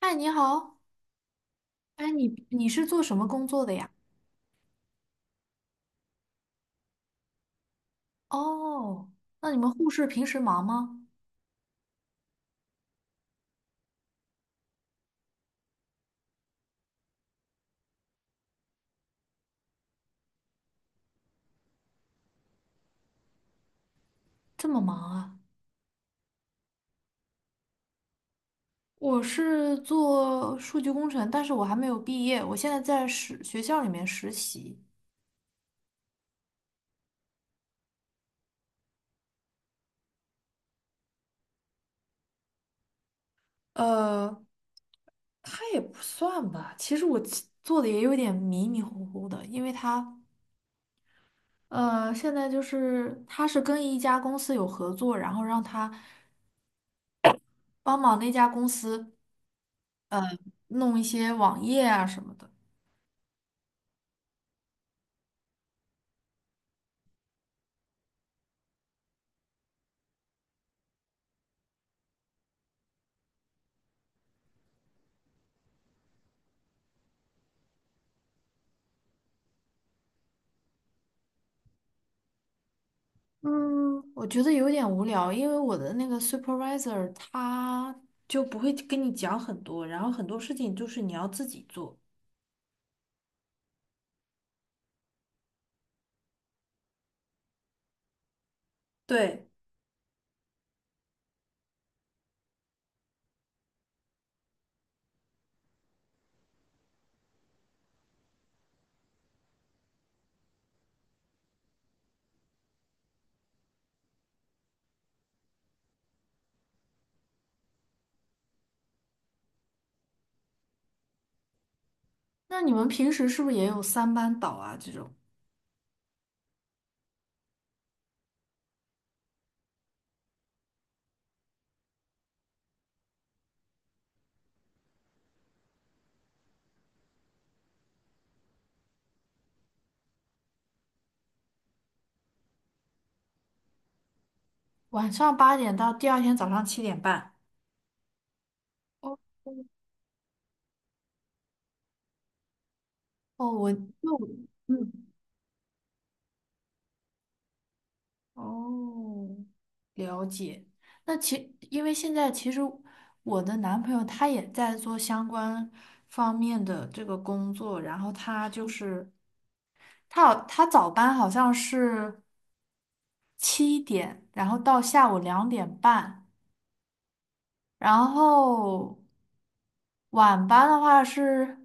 嗨，你好，哎，你是做什么工作的呀？哦，那你们护士平时忙吗？这么忙啊？我是做数据工程，但是我还没有毕业，我现在在实学校里面实习。呃，他也不算吧，其实我其做的也有点迷迷糊糊的，因为他现在就是他是跟一家公司有合作，然后让他帮忙那家公司弄一些网页啊什么的。嗯，我觉得有点无聊，因为我的那个 supervisor 他就不会跟你讲很多，然后很多事情就是你要自己做。对，那你们平时是不是也有三班倒啊？这种晚上八点到第二天早上7点半。哦，哦，我那我嗯，哦，了解。那其因为现在其实我的男朋友他也在做相关方面的这个工作，然后他就是。他好，他早班好像是七点，然后到下午2点半，然后晚班的话是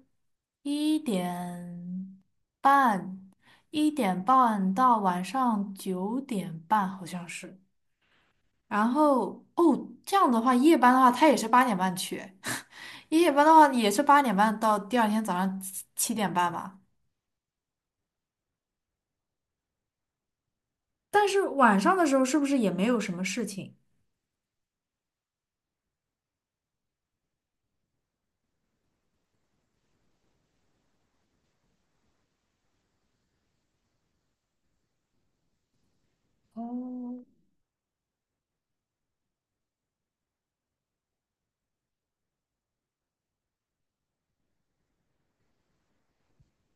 一点半，1点半到晚上9点半好像是。然后哦，这样的话，夜班的话，他也是八点半去，夜班的话也是八点半到第二天早上七点半吧。但是晚上的时候是不是也没有什么事情？哦，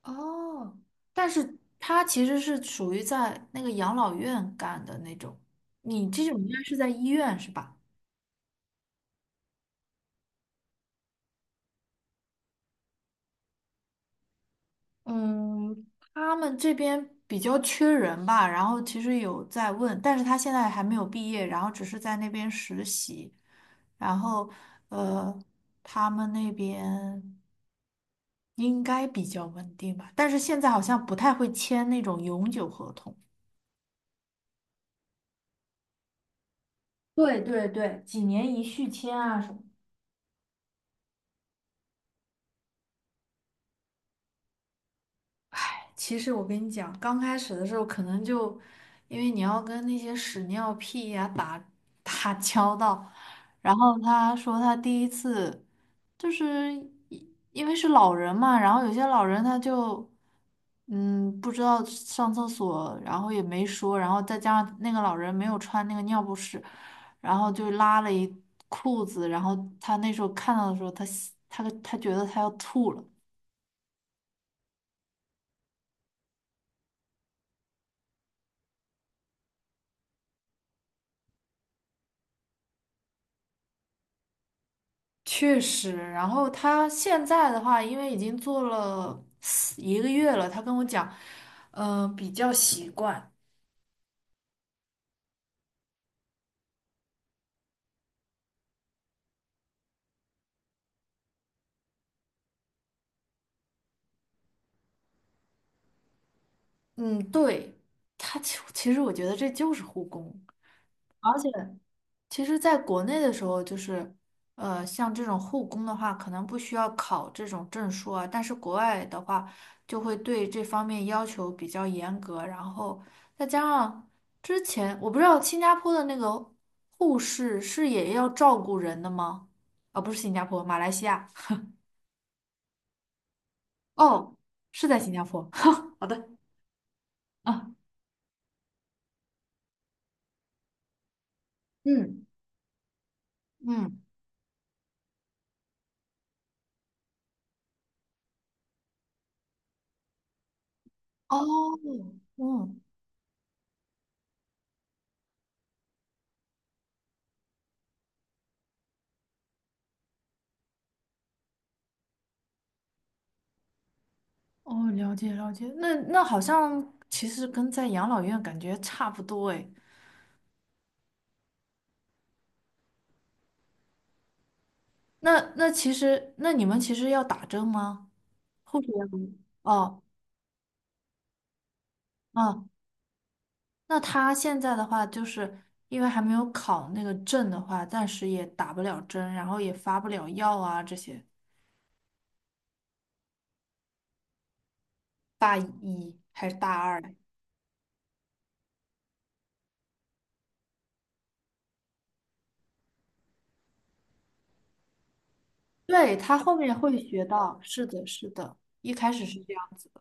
哦，但是他其实是属于在那个养老院干的那种，你这种应该是在医院是吧？嗯，他们这边比较缺人吧，然后其实有在问，但是他现在还没有毕业，然后只是在那边实习，然后呃，他们那边应该比较稳定吧，但是现在好像不太会签那种永久合同。对对对，几年一续签啊什么。其实我跟你讲，刚开始的时候可能就，因为你要跟那些屎尿屁呀、打交道，然后他说他第一次就是一因为是老人嘛，然后有些老人他就嗯不知道上厕所，然后也没说，然后再加上那个老人没有穿那个尿不湿，然后就拉了一裤子，然后他那时候看到的时候，他觉得他要吐了。确实，然后他现在的话，因为已经做了4一个月了，他跟我讲，嗯、比较习惯。嗯，对，他其实我觉得这就是护工，而且。其实，在国内的时候，就是，像这种护工的话，可能不需要考这种证书啊。但是国外的话，就会对这方面要求比较严格。然后再加上之前，我不知道新加坡的那个护士是也要照顾人的吗？啊、不是新加坡，马来西亚。哦，是在新加坡。好的。啊，嗯嗯，哦，嗯。哦，了解了解，那那好像其实跟在养老院感觉差不多哎。那那其实那你们其实要打针吗？护士要打哦哦，啊那他现在的话，就是因为还没有考那个证的话，暂时也打不了针，然后也发不了药啊这些。大一还是大二来？对，他后面会学到，是的，是的，一开始是这样子的。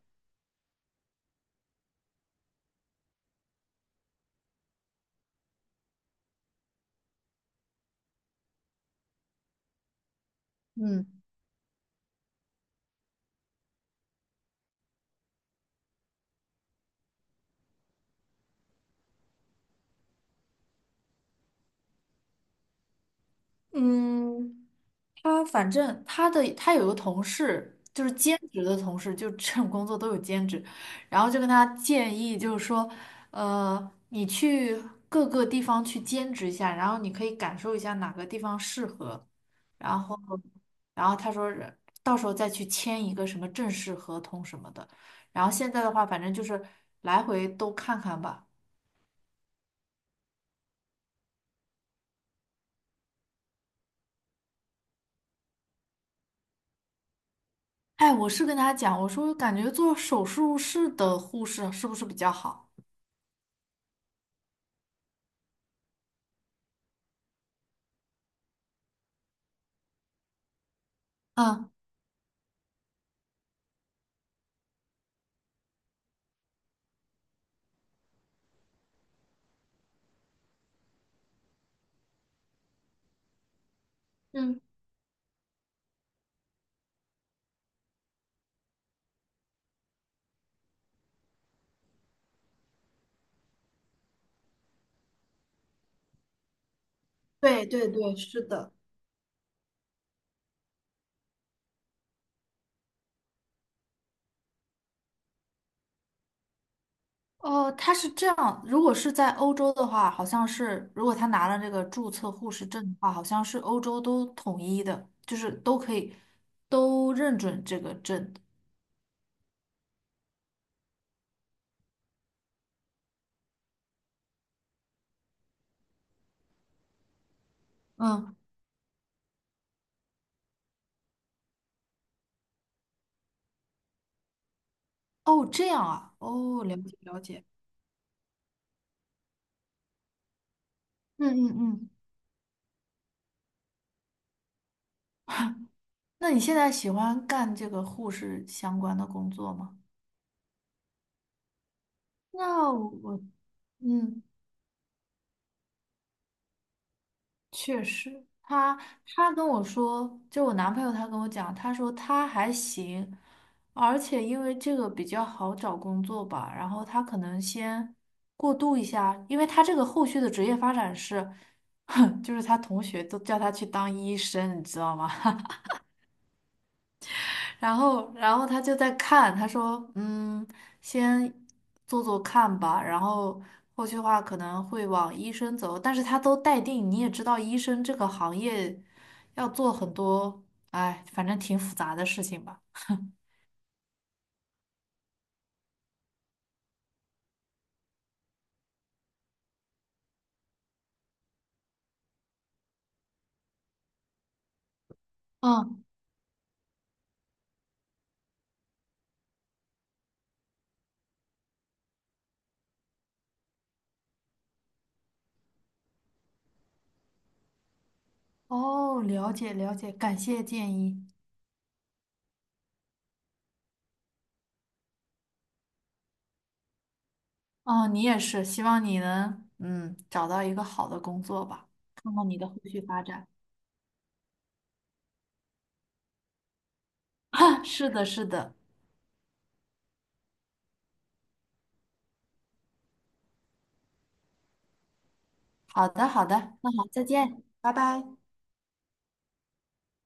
嗯。嗯，他反正他的他有个同事，就是兼职的同事，就 这种工作都有兼职，然后就跟他建议，就是说，你去各个地方去兼职一下，然后你可以感受一下哪个地方适合，然后，然后他说是到时候再去签一个什么正式合同什么的，然后现在的话，反正就是来回都看看吧。哎，我是跟他讲，我说感觉做手术室的护士是不是比较好？嗯。嗯。对对对，是的，哦，他是这样，如果是在欧洲的话，好像是如果他拿了这个注册护士证的话，好像是欧洲都统一的，就是都可以都认准这个证。嗯，哦，这样啊，哦，了解了解。嗯嗯嗯，那你现在喜欢干这个护士相关的工作吗？那我，嗯。确实，他他跟我说，就我男朋友他跟我讲，他说他还行，而且因为这个比较好找工作吧，然后他可能先过渡一下，因为他这个后续的职业发展是，哼，就是他同学都叫他去当医生，你知道吗？然后，然后他就在看，他说：“嗯，先做做看吧，然后后续话可能会往医生走。但是他都待定，你也知道，医生这个行业要做很多，哎，反正挺复杂的事情吧。”嗯哦，了解了解，感谢建议。哦，你也是，希望你能嗯找到一个好的工作吧，看看你的后续发展。是的，是的，好的好的，那好，再见，拜拜。